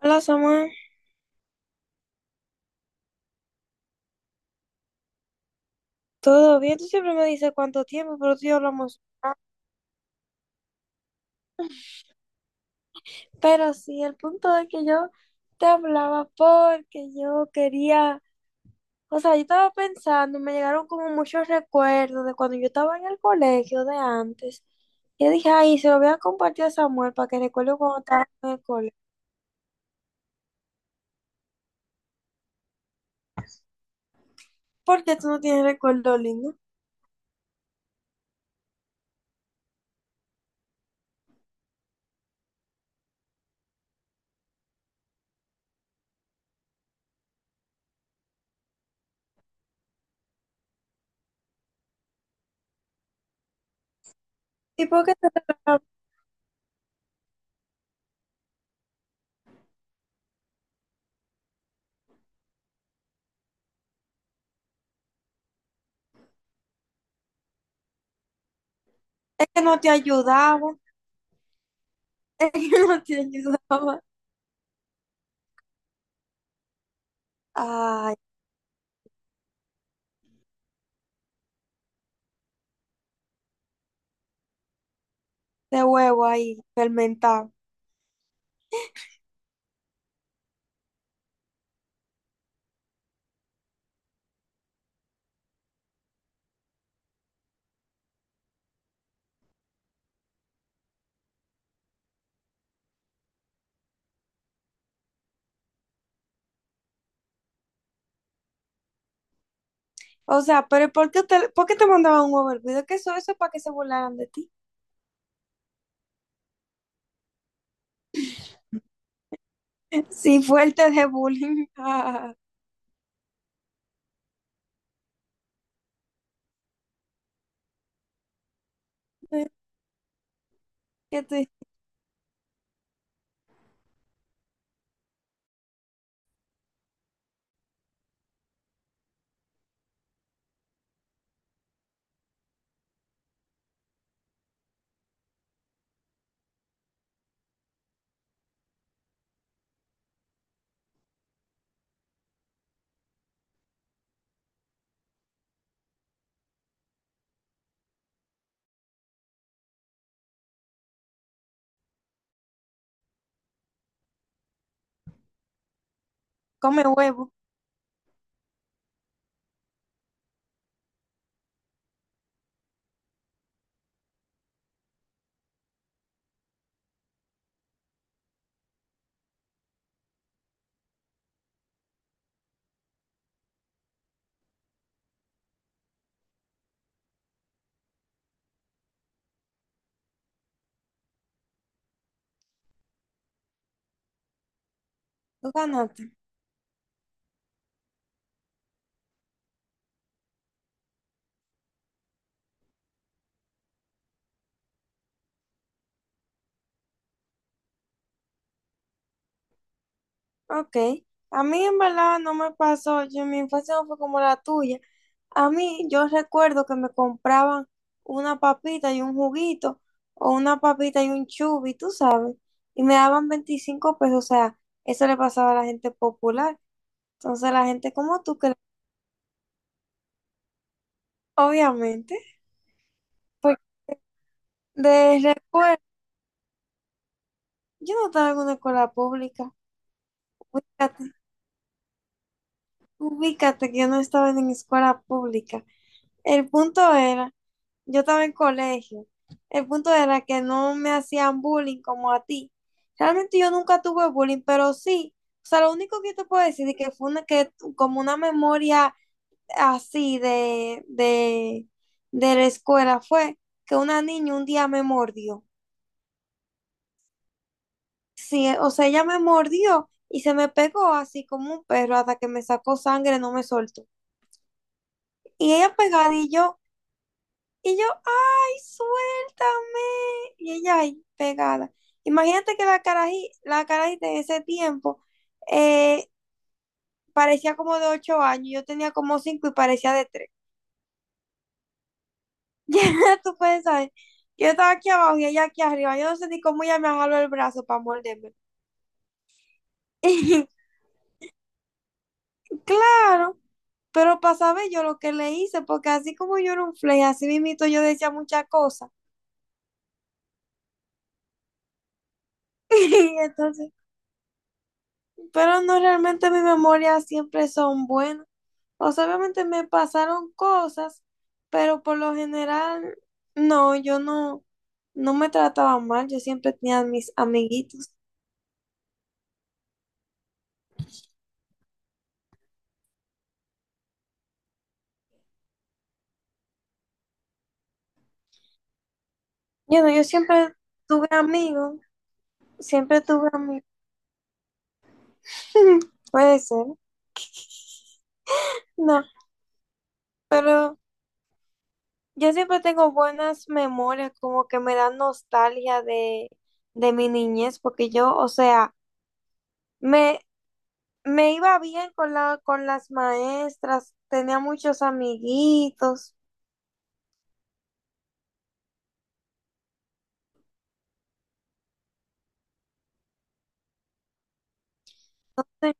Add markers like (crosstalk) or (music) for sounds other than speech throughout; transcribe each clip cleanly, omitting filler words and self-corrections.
Hola Samuel, ¿todo bien? Tú siempre me dices cuánto tiempo, pero tú y yo hablamos. Pero sí, el punto de que yo te hablaba porque yo quería, o sea, yo estaba pensando, me llegaron como muchos recuerdos de cuando yo estaba en el colegio de antes. Yo dije, ay, se lo voy a compartir a Samuel para que recuerde cuando estaba en el colegio. Porque tú no tienes recuerdo lindo. ¿Y por qué te hablaba? Es que no te ayudaba, es que (laughs) no te ayudaba. Ay, de huevo ahí, fermentado. O sea, pero ¿por qué te mandaban un huevo hervido? ¿Qué eso? Eso es para que se burlaran de ti. (laughs) Sí, fuerte de bullying. (laughs) Ah, ¿Qué te- Come huevo. Tú ganaste. Ok. A mí en verdad no me pasó. Yo, mi infancia no fue como la tuya. A mí yo recuerdo que me compraban una papita y un juguito o una papita y un chubi, tú sabes. Y me daban 25 pesos. O sea, eso le pasaba a la gente popular. Entonces la gente como tú, que obviamente. Porque de la escuela, yo no estaba en una escuela pública. Ubícate, ubícate que yo no estaba en escuela pública. El punto era, yo estaba en colegio. El punto era que no me hacían bullying como a ti. Realmente yo nunca tuve bullying, pero sí. O sea, lo único que te puedo decir es que fue una que como una memoria así de la escuela fue que una niña un día me mordió. Sí, o sea, ella me mordió y se me pegó así como un perro hasta que me sacó sangre, no me soltó. Y ella pegada y yo, ay, suéltame. Y ella ahí pegada. Imagínate que la carajita en ese tiempo eh, parecía como de 8 años, yo tenía como 5 y parecía de 3. (laughs) Ya tú puedes saber, yo estaba aquí abajo y ella aquí arriba, yo no sé ni cómo ella me jaló el brazo para morderme. (laughs) Claro, pero para saber yo lo que le hice, porque así como yo era un flake, así mismito yo decía muchas cosas. (laughs) Y entonces, pero no realmente mis memorias siempre son buenas. O sea, obviamente me pasaron cosas, pero por lo general, no, yo no, no me trataba mal, yo siempre tenía mis amiguitos. Yo no, yo siempre tuve amigos, siempre tuve amigos. (laughs) Puede ser, no, pero yo siempre tengo buenas memorias, como que me dan nostalgia de mi niñez, porque yo, o sea, me, me iba bien con con las maestras, tenía muchos amiguitos. Entonces,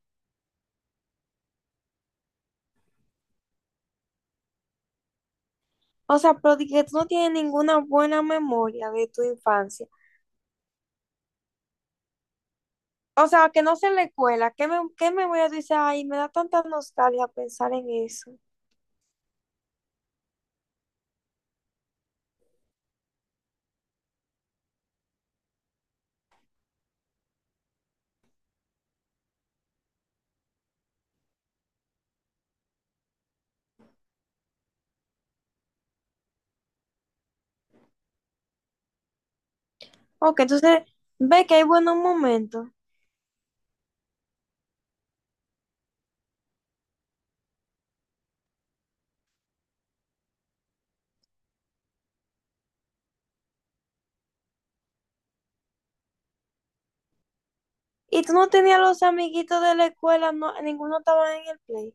o sea, pero de que tú no tienes ninguna buena memoria de tu infancia. O sea, que no sea en la escuela, qué memoria tú dices? Ay, me da tanta nostalgia pensar en eso. Ok, entonces ve que hay buenos momentos. Y tú no tenías los amiguitos de la escuela, no, ninguno estaba en el play.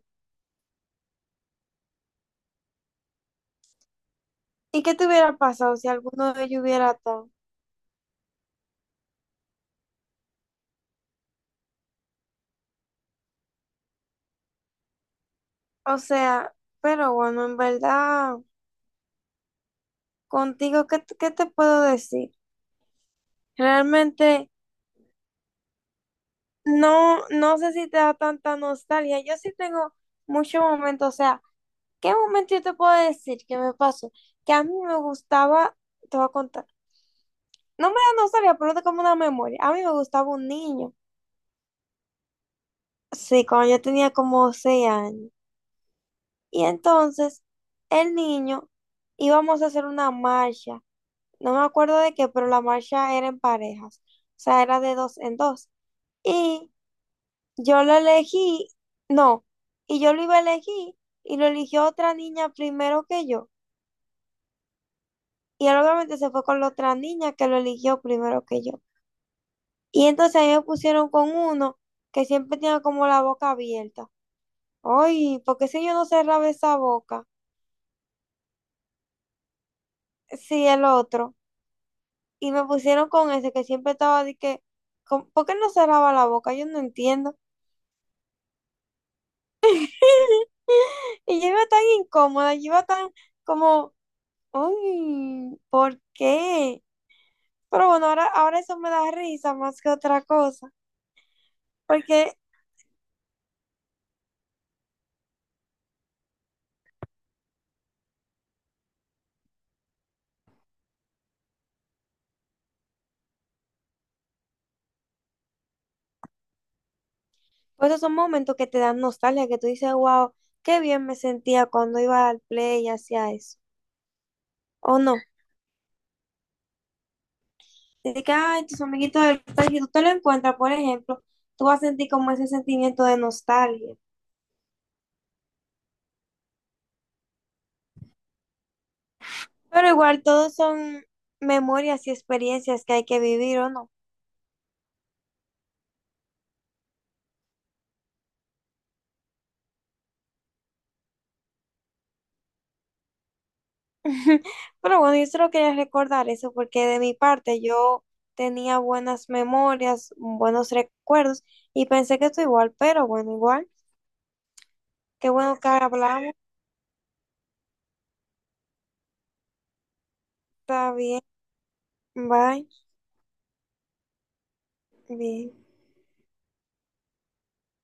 ¿Y qué te hubiera pasado si alguno de ellos hubiera atado? O sea, pero bueno, en verdad, contigo, qué te puedo decir? Realmente, no, no sé si te da tanta nostalgia. Yo sí tengo muchos momentos, o sea, ¿qué momento yo te puedo decir que me pasó? Que a mí me gustaba, te voy a contar. No me da nostalgia, pero es como una memoria. A mí me gustaba un niño. Sí, cuando yo tenía como 6 años. Y entonces, el niño íbamos a hacer una marcha. No me acuerdo de qué, pero la marcha era en parejas. O sea, era de dos en dos. Y yo lo elegí, no, y yo lo iba a elegir y lo eligió otra niña primero que yo. Y él obviamente se fue con la otra niña que lo eligió primero que yo. Y entonces a mí me pusieron con uno que siempre tenía como la boca abierta. Ay, ¿por qué si yo no cerraba esa boca? Sí, el otro. Y me pusieron con ese que siempre estaba de que, con ¿por qué no cerraba la boca? Yo no entiendo. (laughs) Y yo iba tan incómoda, yo iba tan como, uy, ¿por qué? Pero bueno, ahora eso me da risa más que otra cosa, porque pues, esos son momentos que te dan nostalgia, que tú dices, wow, qué bien me sentía cuando iba al play y hacía eso, o no. Dices que, ay, tus amiguitos del play, si tú te lo encuentras, por ejemplo, tú vas a sentir como ese sentimiento de nostalgia. Pero igual, todos son memorias y experiencias que hay que vivir, ¿o no? (laughs) Pero bueno, yo solo quería recordar eso porque de mi parte yo tenía buenas memorias, buenos recuerdos y pensé que tú igual, pero bueno, igual. Qué bueno que hablamos. Está bien. Bye. Bien.